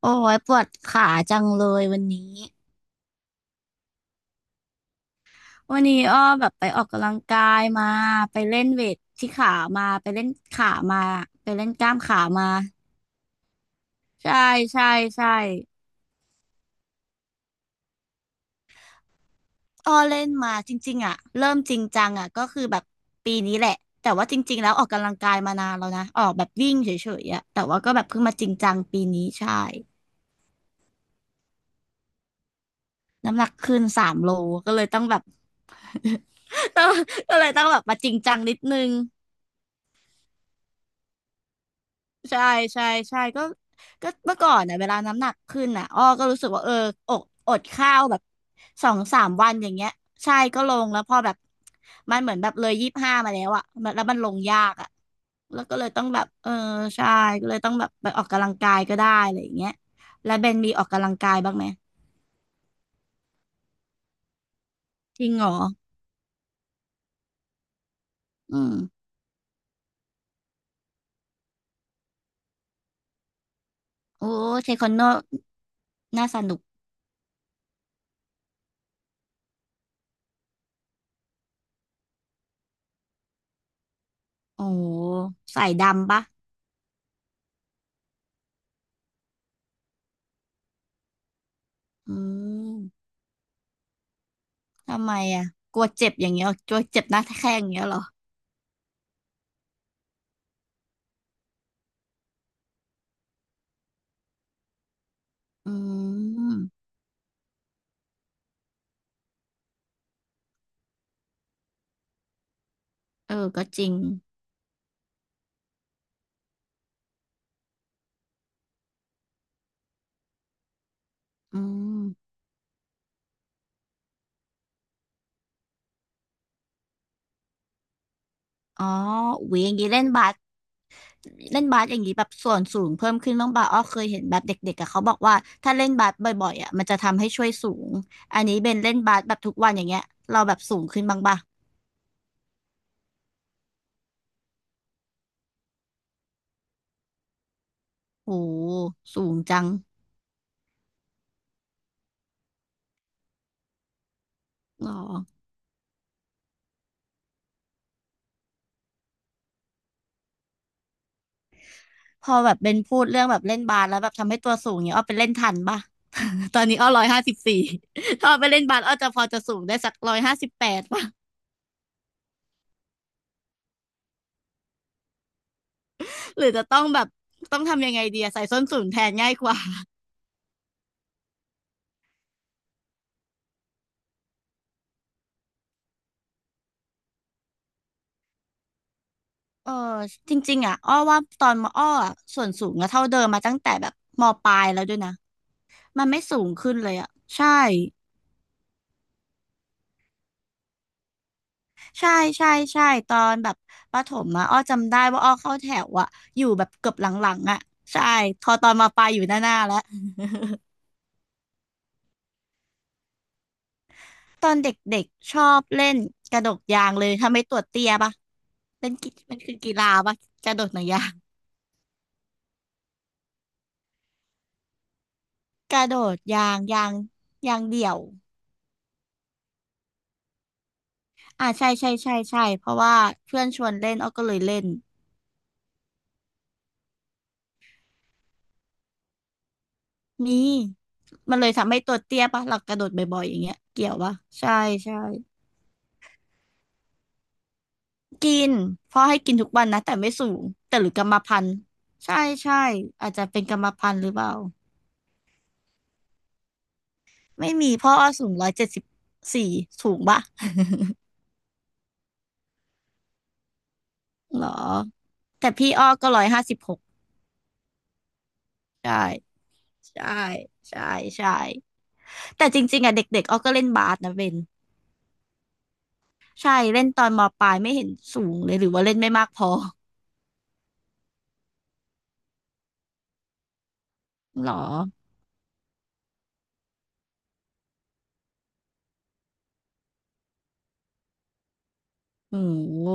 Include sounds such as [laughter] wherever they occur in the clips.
โอ้ยปวดขาจังเลยวันนี้วันนี้อ้อแบบไปออกกำลังกายมาไปเล่นเวทที่ขามาไปเล่นขามาไปเล่นกล้ามขามาใช่ใช่ใช่อ้อเล่นมาจริงๆอ่ะเริ่มจริงจังอ่ะก็คือแบบปีนี้แหละแต่ว่าจริงๆแล้วออกกำลังกายมานานแล้วนะออกแบบวิ่งเฉยๆอ่ะแต่ว่าก็แบบเพิ่งมาจริงจังปีนี้ใช่น้ำหนักขึ้น3 โลก็เลยต้องแบบ [laughs] ก็เลยต้องแบบมาจริงจังนิดนึง ใช่ใช่ใช่ก็เมื่อก่อนน่ะเวลาน้ำหนักขึ้นน่ะอ้อก็รู้สึกว่าเอออกอดข้าวแบบ2 3 วันอย่างเงี้ยใช่ก็ลงแล้วพอแบบมันเหมือนแบบเลย25มาแล้วอะมันแล้วมันลงยากอะแล้วก็เลยต้องแบบเออใช่ก็เลยต้องแบบไปออกกำลังกายก็ได้อะไรอย่างเงี้ยแล้วเบนมีออกกำลังกายบ้างไหมจริงเหรออืมโอ้เทควันโดน่าสนุกโอ้ใส่ดำปะอืมทำไมอะกลัวเจ็บอย่างเงี้ยเหรอกลัวเจ็บหน้าแข้งอย่างเงี้ยเหรอ อืมเออก็จริงอืมอ๋ออุ๊ยอย่างนี้เล่นบาสเล่นบาสอย่างนี้แบบส่วนสูงเพิ่มขึ้นบ้างป่ะอ้อเคยเห็นแบบเด็กๆอะเขาบอกว่าถ้าเล่นบาสบ่อยๆอะมันจะทำให้ช่วยสูงอันนี้เบนเล่นบาสแบบทุกวันอย่างเงี้ยเราแบบสูงขึ้นบ้างป่ะโอ้สูงจังหรอพอแบบเบนพูดเรื่องแบบเล่นบาสแล้วแบบทำให้ตัวสูงเนี้ยอ้อไปเล่นทันป่ะ [laughs] ตอนนี้อ้อ154 [laughs] ถ้าอ้อไปเล่นบาสอ้อจะพอจะสูงได้สัก158ป่ะ หรือจะต้องแบบต้องทำยังไงดีอะใส่ส้นสูงแทนง่ายกว่าเออจริงๆอ่ะอ้อว่าตอนมอ้ออะส่วนสูงก็เท่าเดิมมาตั้งแต่แบบมปลายแล้วด้วยนะมันไม่สูงขึ้นเลยอ่ะใช่ใช่ใช่ใช่ตอนแบบประถมอ่ะอ้อจำได้ว่าอ้อเข้าแถวอ่ะอยู่แบบเกือบหลังๆอ่ะใช่พอตอนมปลายอยู่หน้าๆแล้วตอนเด็กๆชอบเล่นกระโดดยางเลยถ้าไม่ตัวเตี้ยปะเป็นกิมันคือกีฬาปะกระโดดหนังยางกระโดดยางยางเดี่ยว อ่าใช่ใช่ใช่ใช่เพราะว่าเพื่อนชวนเล่นอ้อก็เลยเล่นมีมันเลยทำให้ตัวเตี้ยปะหลักกระโดดบ่อยๆอย่างเงี้ยเกี่ยวปะใช่ใช่กินพ่อให้กินทุกวันนะแต่ไม่สูงแต่หรือกรรมพันธุ์ใช่ใช่อาจจะเป็นกรรมพันธุ์หรือเปล่าไม่มีพ่ออ้อสูง174สูงปะ [laughs] หรอแต่พี่อ้อก็156ใช่ใช่ใช่ใช่แต่จริงๆอ่ะเด็กๆอ้อก็เล่นบาสนะเบน ใช่เล่นตอนมปลายไม่เห็นสูงเลยหรือว่าเล่นไม่มากพอหรอโอ้โห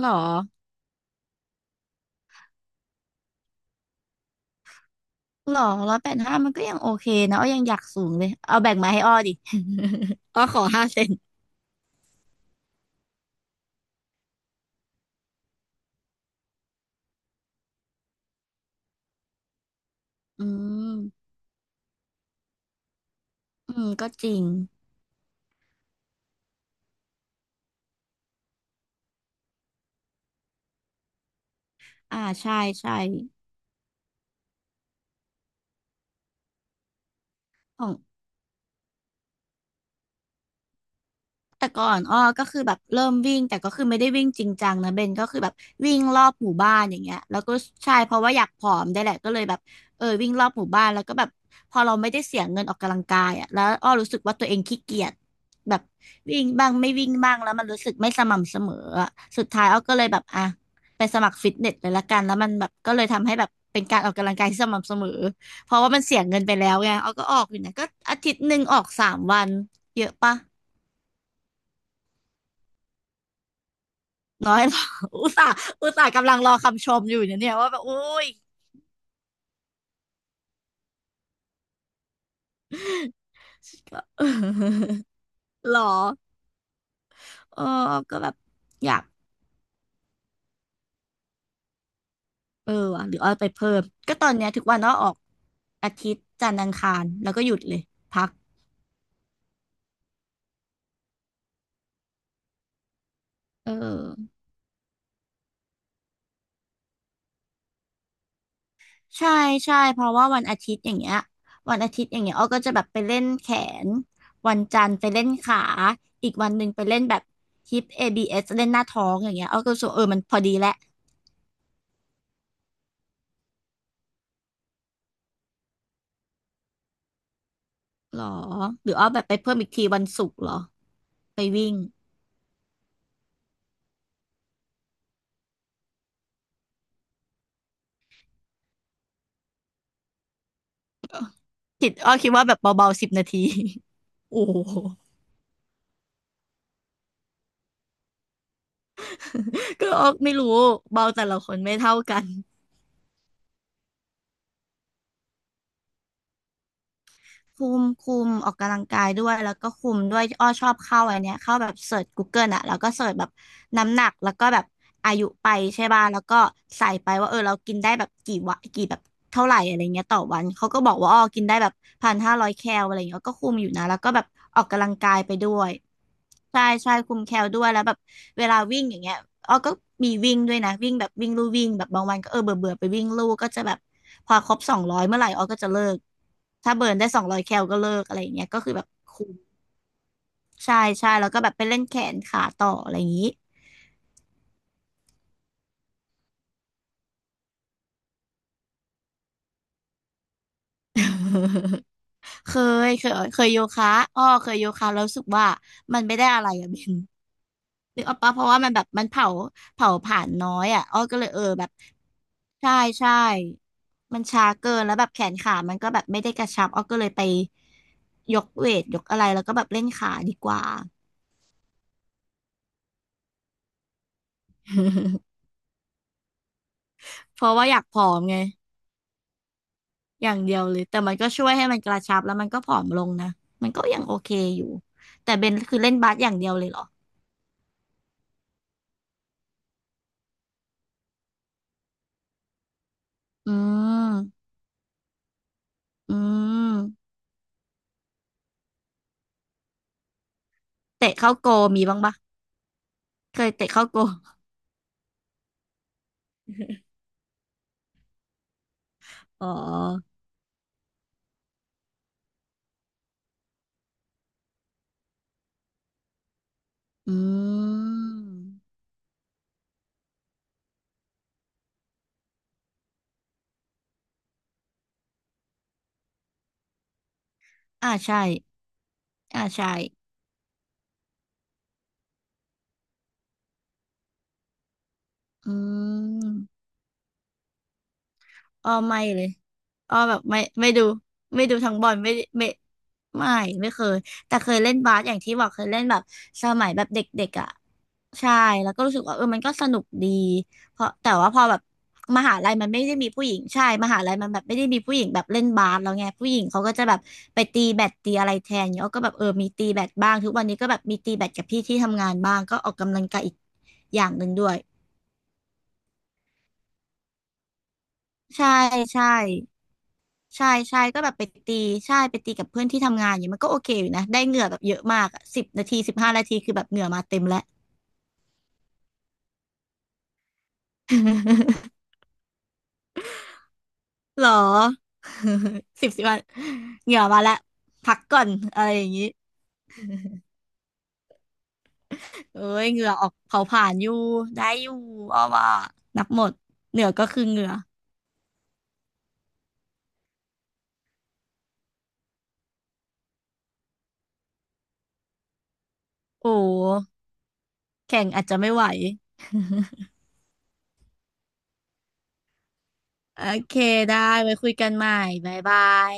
หรอหรอ185มันก็ยังโอเคนะอ้อยังอยากสูงเลยเอาแบ่งมาให้อ้อดิ [laughs] อ้อขอ5 เซนอืมอืมก็จริงอ่าใช่ใช่ของ แต่ก่อนอ้อก็คือแบบเริ่มวิ่งแต่ก็คือไม่ได้วิ่งจริงจังนะเบนก็คือแบบวิ่งรอบหมู่บ้านอย่างเงี้ยแล้วก็ใช่เพราะว่าอยากผอมได้แหละก็เลยแบบเออวิ่งรอบหมู่บ้านแล้วก็แบบพอเราไม่ได้เสียเงินออกกำลังกายอ่ะแล้วอ้อรู้สึกว่าตัวเองขี้เกียจแบบวิ่งบ้างไม่วิ่งบ้างแล้วมันรู้สึกไม่สม่ำเสมออะสุดท้ายอ้อก็เลยแบบอ่ะไปสมัครฟิตเนสเลยละกันแล้วมันแบบก็เลยทำให้แบบเป็นการออกกำลังกายที่สม่ำเสมอเพราะว่ามันเสียเงินไปแล้วไงอ้อก็ออกอยู่นะก็อาทิตย์หนึ่งออก 3 วันเยอะปะ น้อย [laughs] เหรอ [laughs] อุตส่าห์อุตส่าห์กำลังรอคำชมอยู่เนี่ยเนี่ยว่าแบบอุ้ยก็ [laughs] หรอเออก็แบบอยากเออว่ะหรือเอาไปเพิ่มก็ตอนเนี้ยทุกวันเนาะออกอาทิตย์จันทร์อังคารแล้วก็หยุดเลยพักเออใช่ใช่เพราะว่าวันอาทิตย์อย่างเงี้ยวันอาทิตย์อย่างเงี้ยอ้อก็จะแบบไปเล่นแขนวันจันทร์ไปเล่นขาอีกวันหนึ่งไปเล่นแบบฮิป ABS เอสเล่นหน้าท้องอย่างเงี้ยอ้อก็รู้สึกว่าเออมันพอดีแหละหรอหรืออ้อแบบไปเพิ่มอีกทีวันศุกร์เหรอ ไปวิ่งคิดอ้อคิดว่าแบบเบาๆ10 นาที [laughs] โอ้โห [laughs] ก็อ้อไม่รู้เบาแต่ละคนไม่เท่ากันคุมคุมออกกำลังกายด้วยแล้วก็คุมด้วยอ้อชอบเข้าอันเนี้ยเข้าแบบเสิร์ช g o เกิ e อะแล้วก็เสิร์ชแบบน้ำหนักแล้วก็แบบอายุไปใช่ป่ะแล้วก็ใส่ไปว่าเออเรากินได้แบบกี่วะกี่แบบเท่าไหร่อะไรเงี้ยต่อวันเขาก็บอกว่าอ้อกินได้แบบ1,500 แคลอะไรเงี้ยก็คุมอยู่นะแล้วก็แบบออกกำลังกายไปด้วย ใช่ใช่คุมแคลด้วยแล้วแบบเวลาวิ่งอย่างเงี้ยอ้อก็มีวิ่งด้วยนะวิ่งแบบวิ่งลู่วิ่งแบบบางวันก็เออเบื่อเบื่อไปวิ่งลู่ก็จะแบบพอครบสองร้อยเมื่อไหร่อ้อก็จะเลิกถ้าเบิร์นได้200 แคลก็เลิกอะไรอย่างเงี้ยก็คือแบบคุมใช่ใช่แล้วก็แบบไปเล่นแขนขาต่ออะไรอย่างงี้ [laughs] เคเคยโยคะอ้อเคยโยคะแล้วรู้สึกว่ามันไม่ได้อะไรอะ [laughs] เบน นึกออกปะเพราะว่ามันแบบมันเผาเผาผ่านน้อยอ่ะอ้อก็เลยเออแบบใช่ใช่มันช้าเกินแล้วแบบแขนขามันก็แบบไม่ได้กระชับอ้อก็เลยไปยกเวทยกอะไรแล้วก็แบบเล่นขาดีกว่า [laughs] เพราะว่าอยากผอมไงอย่างเดียวเลยแต่มันก็ช่วยให้มันกระชับแล้วมันก็ผอมลงนะมันก็ยังโอเคอยู่แต่เบนคือเล่นบาสอย่างเดียวเลยเหรออืมอืมเตะเข้าโกมีบ้างปะเคยเตะเข้าโกอ๋ออืม อ่าใช่อ่าใช่อืมอ้อไม่เลยอ้อแบบไม่ไม่ดูไม่ดูทั้งบอลไม่ไม่ไม่ไม่เคยแต่เคยเล่นบาสอย่างที่บอกเคยเล่นแบบสมัยแบบเด็กๆอ่ะใช่แล้วก็รู้สึกว่าเออมันก็สนุกดีเพราะแต่ว่าพอแบบมหาลัยมันไม่ได้มีผู้หญิงใช่มหาลัยมันแบบไม่ได้มีผู้หญิงแบบเล่นบาสแล้วไงผู้หญิงเขาก็จะแบบไปตีแบดตีอะไรแทนเนี้ยอ้อก็แบบเออมีตีแบดบ้างทุกวันนี้ก็แบบมีตีแบดกับพี่ที่ทำงานบ้างก็ออกกำลังกายอีกอย่างหนึ่งด้วย ใช่ใช่ใช่ใช่ก็แบบไปตีใช่ไปตีกับเพื่อนที่ทำงานอย่างเงี้ยมันก็โอเคอยู่นะได้เหงื่อแบบเยอะมากอะ10 นาที15 นาทีคือแบบเหงื่อมาเต็มแล้ว [laughs] หรอ [laughs] สิบสิบวันเหงื่อมาแล้วพักก่อนอะไรอย่างนี้เอ้ยเหงื่อออกเผาผ่านอยู่ได้อยู่เอาว่านับหมดเหงื่อก็คือเหงื่อโอ้แข่งอาจจะไม่ไหวโอเคได้ไว้คุยกันใหม่บ๊ายบาย